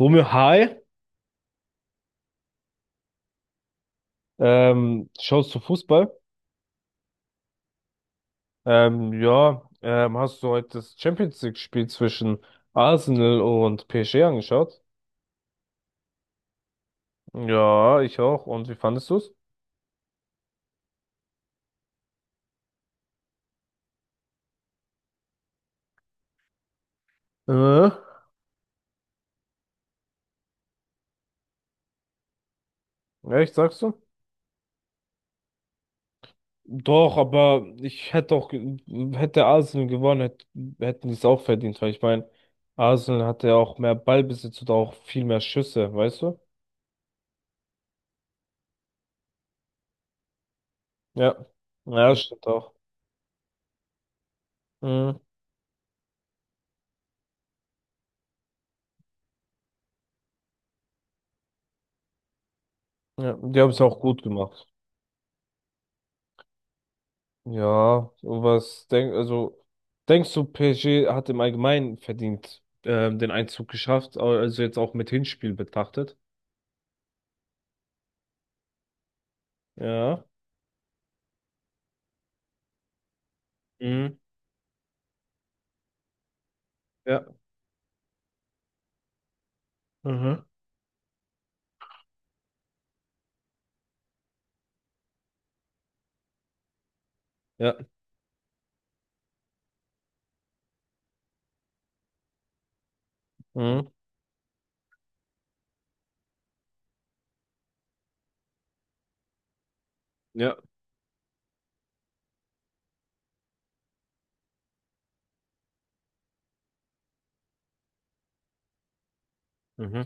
Romeo, hi. Schaust du Fußball? Ja, hast du heute das Champions League-Spiel zwischen Arsenal und PSG angeschaut? Ja, ich auch. Und wie fandest du's? Äh? Echt, sagst du? Doch, aber ich hätte auch, hätte Arsenal gewonnen, hätten die es auch verdient, weil ich meine, Arsenal hatte ja auch mehr Ballbesitz und auch viel mehr Schüsse, weißt du? Ja. Ja, stimmt auch. Mhm. Ja, die haben es auch gut gemacht. Ja, also denkst du, PSG hat im Allgemeinen verdient den Einzug geschafft, also jetzt auch mit Hinspiel betrachtet? Ja. Mhm. Ja. Mhm. Ja. Mhm. Ja. Mhm.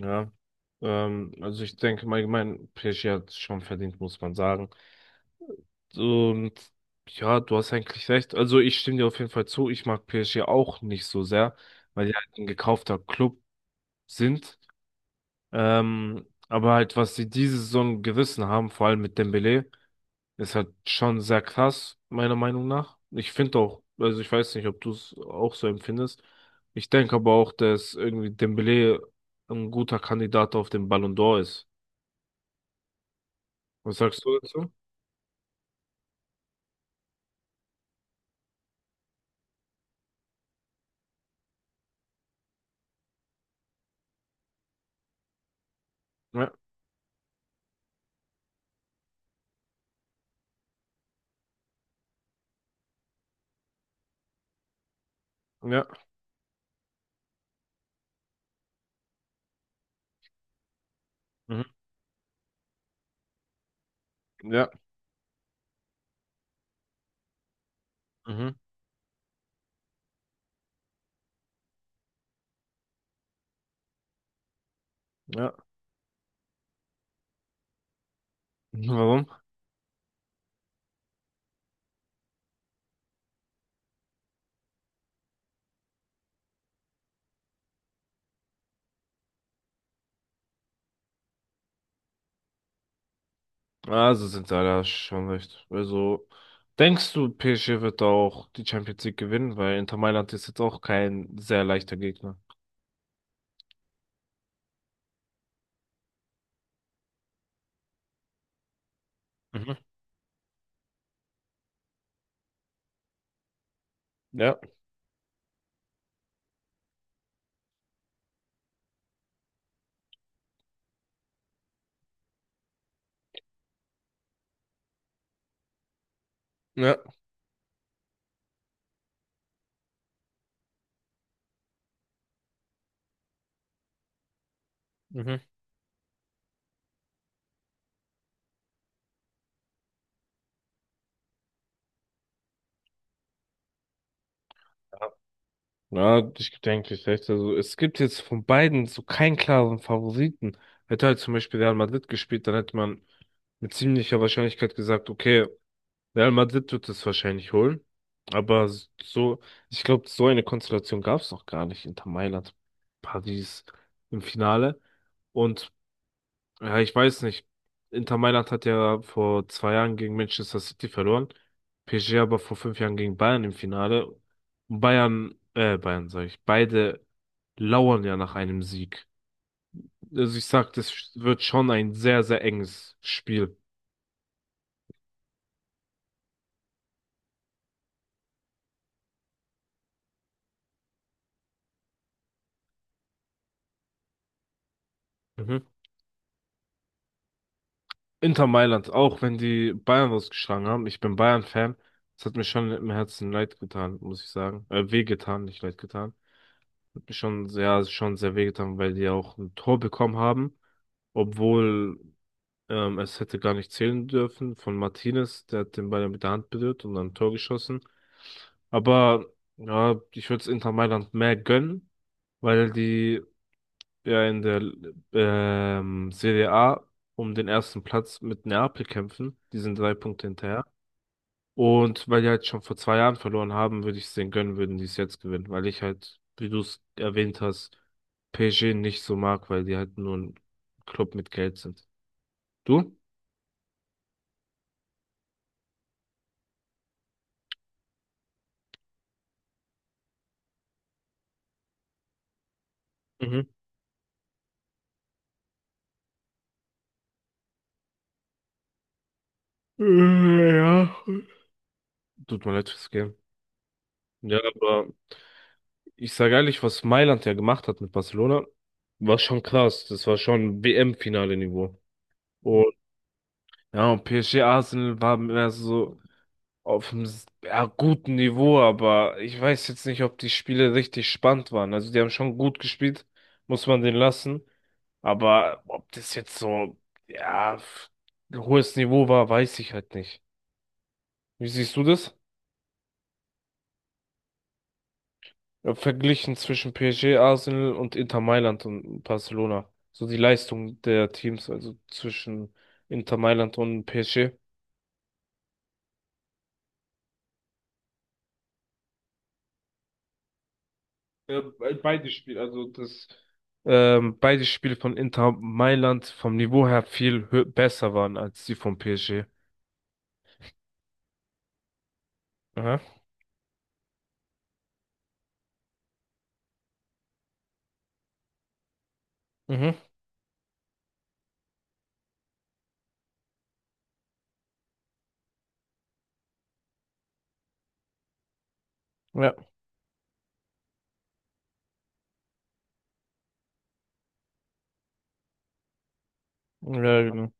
Ja. Also ich denke im Allgemeinen, PSG hat es schon verdient, muss man sagen. Und ja, du hast eigentlich recht. Also ich stimme dir auf jeden Fall zu. Ich mag PSG auch nicht so sehr, weil die halt ein gekaufter Club sind. Aber halt, was sie diese Saison gerissen haben, vor allem mit Dembele, ist halt schon sehr krass, meiner Meinung nach. Ich finde auch, also ich weiß nicht, ob du es auch so empfindest. Ich denke aber auch, dass irgendwie Dembele ein guter Kandidat auf den Ballon d'Or ist. Was sagst du dazu? Ja, ja, mhm, ja, mhm, ja. Warum? Also sind sie alle schon recht. Also, denkst du, PSG wird auch die Champions League gewinnen? Weil Inter Mailand ist jetzt auch kein sehr leichter Gegner. Mhm. Ja, ja. Mhm. Ja, ich denke, ich recht. Also, es gibt jetzt von beiden so keinen klaren Favoriten. Hätte halt zum Beispiel Real Madrid gespielt, dann hätte man mit ziemlicher Wahrscheinlichkeit gesagt, okay, Real Madrid wird es wahrscheinlich holen. Aber so, ich glaube, so eine Konstellation gab es noch gar nicht. Inter Mailand, Paris im Finale. Und ja, ich weiß nicht. Inter Mailand hat ja vor zwei Jahren gegen Manchester City verloren. PSG aber vor fünf Jahren gegen Bayern im Finale. Und Bayern sage ich, beide lauern ja nach einem Sieg. Also ich sag, das wird schon ein sehr, sehr enges Spiel. Mhm. Inter Mailand, auch wenn die Bayern rausgeschlagen haben. Ich bin Bayern-Fan. Das hat mir schon im Herzen leid getan, muss ich sagen. Weh getan, nicht leid getan. Schon sehr, schon sehr wehgetan, weil die auch ein Tor bekommen haben, obwohl es hätte gar nicht zählen dürfen von Martinez, der hat den Ball ja mit der Hand berührt und dann ein Tor geschossen. Aber ja, ich würde es Inter Mailand mehr gönnen, weil die ja in der Serie A um den ersten Platz mit Neapel kämpfen. Die sind drei Punkte hinterher. Und weil die halt schon vor zwei Jahren verloren haben, würde ich es denen gönnen, würden die es jetzt gewinnen, weil ich halt, wie du es erwähnt hast, PSG nicht so mag, weil die halt nur ein Club mit Geld sind. Du? Mhm. Ja. Tut mir leid fürs Game. Ja, aber ich sage ehrlich, was Mailand ja gemacht hat mit Barcelona, war schon krass. Das war schon WM-Finale-Niveau. Und ja, und PSG Arsenal war mehr so. Auf einem ja, guten Niveau, aber ich weiß jetzt nicht, ob die Spiele richtig spannend waren. Also die haben schon gut gespielt, muss man den lassen. Aber ob das jetzt so, ja, f- ein hohes Niveau war, weiß ich halt nicht. Wie siehst du das? Ja, verglichen zwischen PSG, Arsenal und Inter Mailand und Barcelona. So die Leistung der Teams, also zwischen Inter Mailand und PSG. Ja, beide Spiele, beide Spiele von Inter Mailand vom Niveau her viel besser waren als die von PSG. Aha. Mhm. Ja. Ja, genau.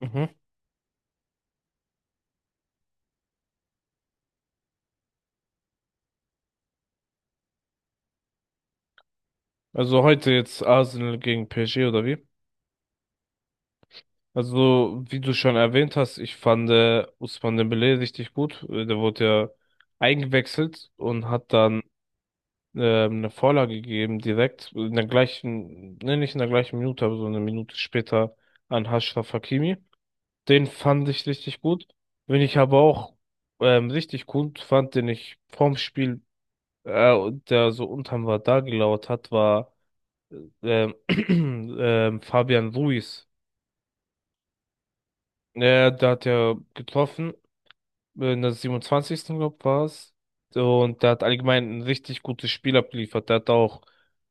Mhm. Also heute jetzt Arsenal gegen PSG oder wie? Also, wie du schon erwähnt hast, ich fand Ousmane Dembélé richtig gut. Der wurde ja eingewechselt und hat dann eine Vorlage gegeben direkt in der gleichen, ne, nicht in der gleichen Minute, aber so eine Minute später an Achraf Hakimi. Den fand ich richtig gut. Wenn ich aber auch richtig gut fand, den ich vorm Spiel, und der so unterm Radar gelauert hat, war Fabian Ruiz. Der hat ja getroffen, in der siebenundzwanzigsten glaube war es. Und der hat allgemein ein richtig gutes Spiel abgeliefert. Der hat auch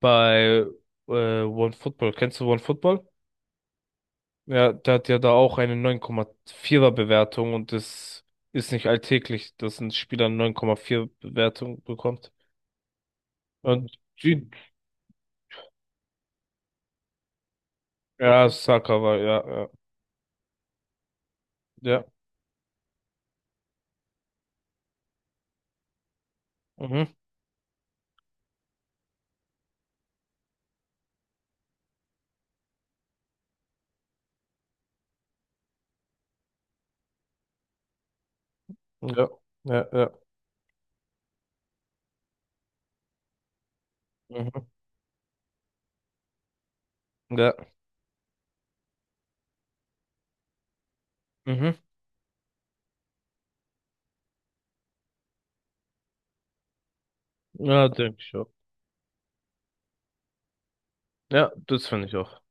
bei One Football, kennst du One Football? Ja, der hat ja da auch eine 9,4er Bewertung und das ist nicht alltäglich, dass ein Spieler eine 9,4 Bewertung bekommt. Und G- ja, Saka war, ja, ja, ja, mhm, ja, ja, ja, mhm, ja, mhm, ja, denke ich auch. Ja, das finde ich auch.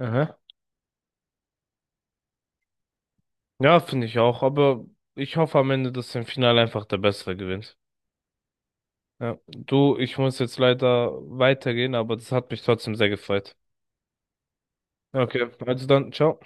Aha. Ja, finde ich auch, aber ich hoffe am Ende, dass im Finale einfach der Bessere gewinnt. Ja, du, ich muss jetzt leider weitergehen, aber das hat mich trotzdem sehr gefreut. Okay, also dann, ciao.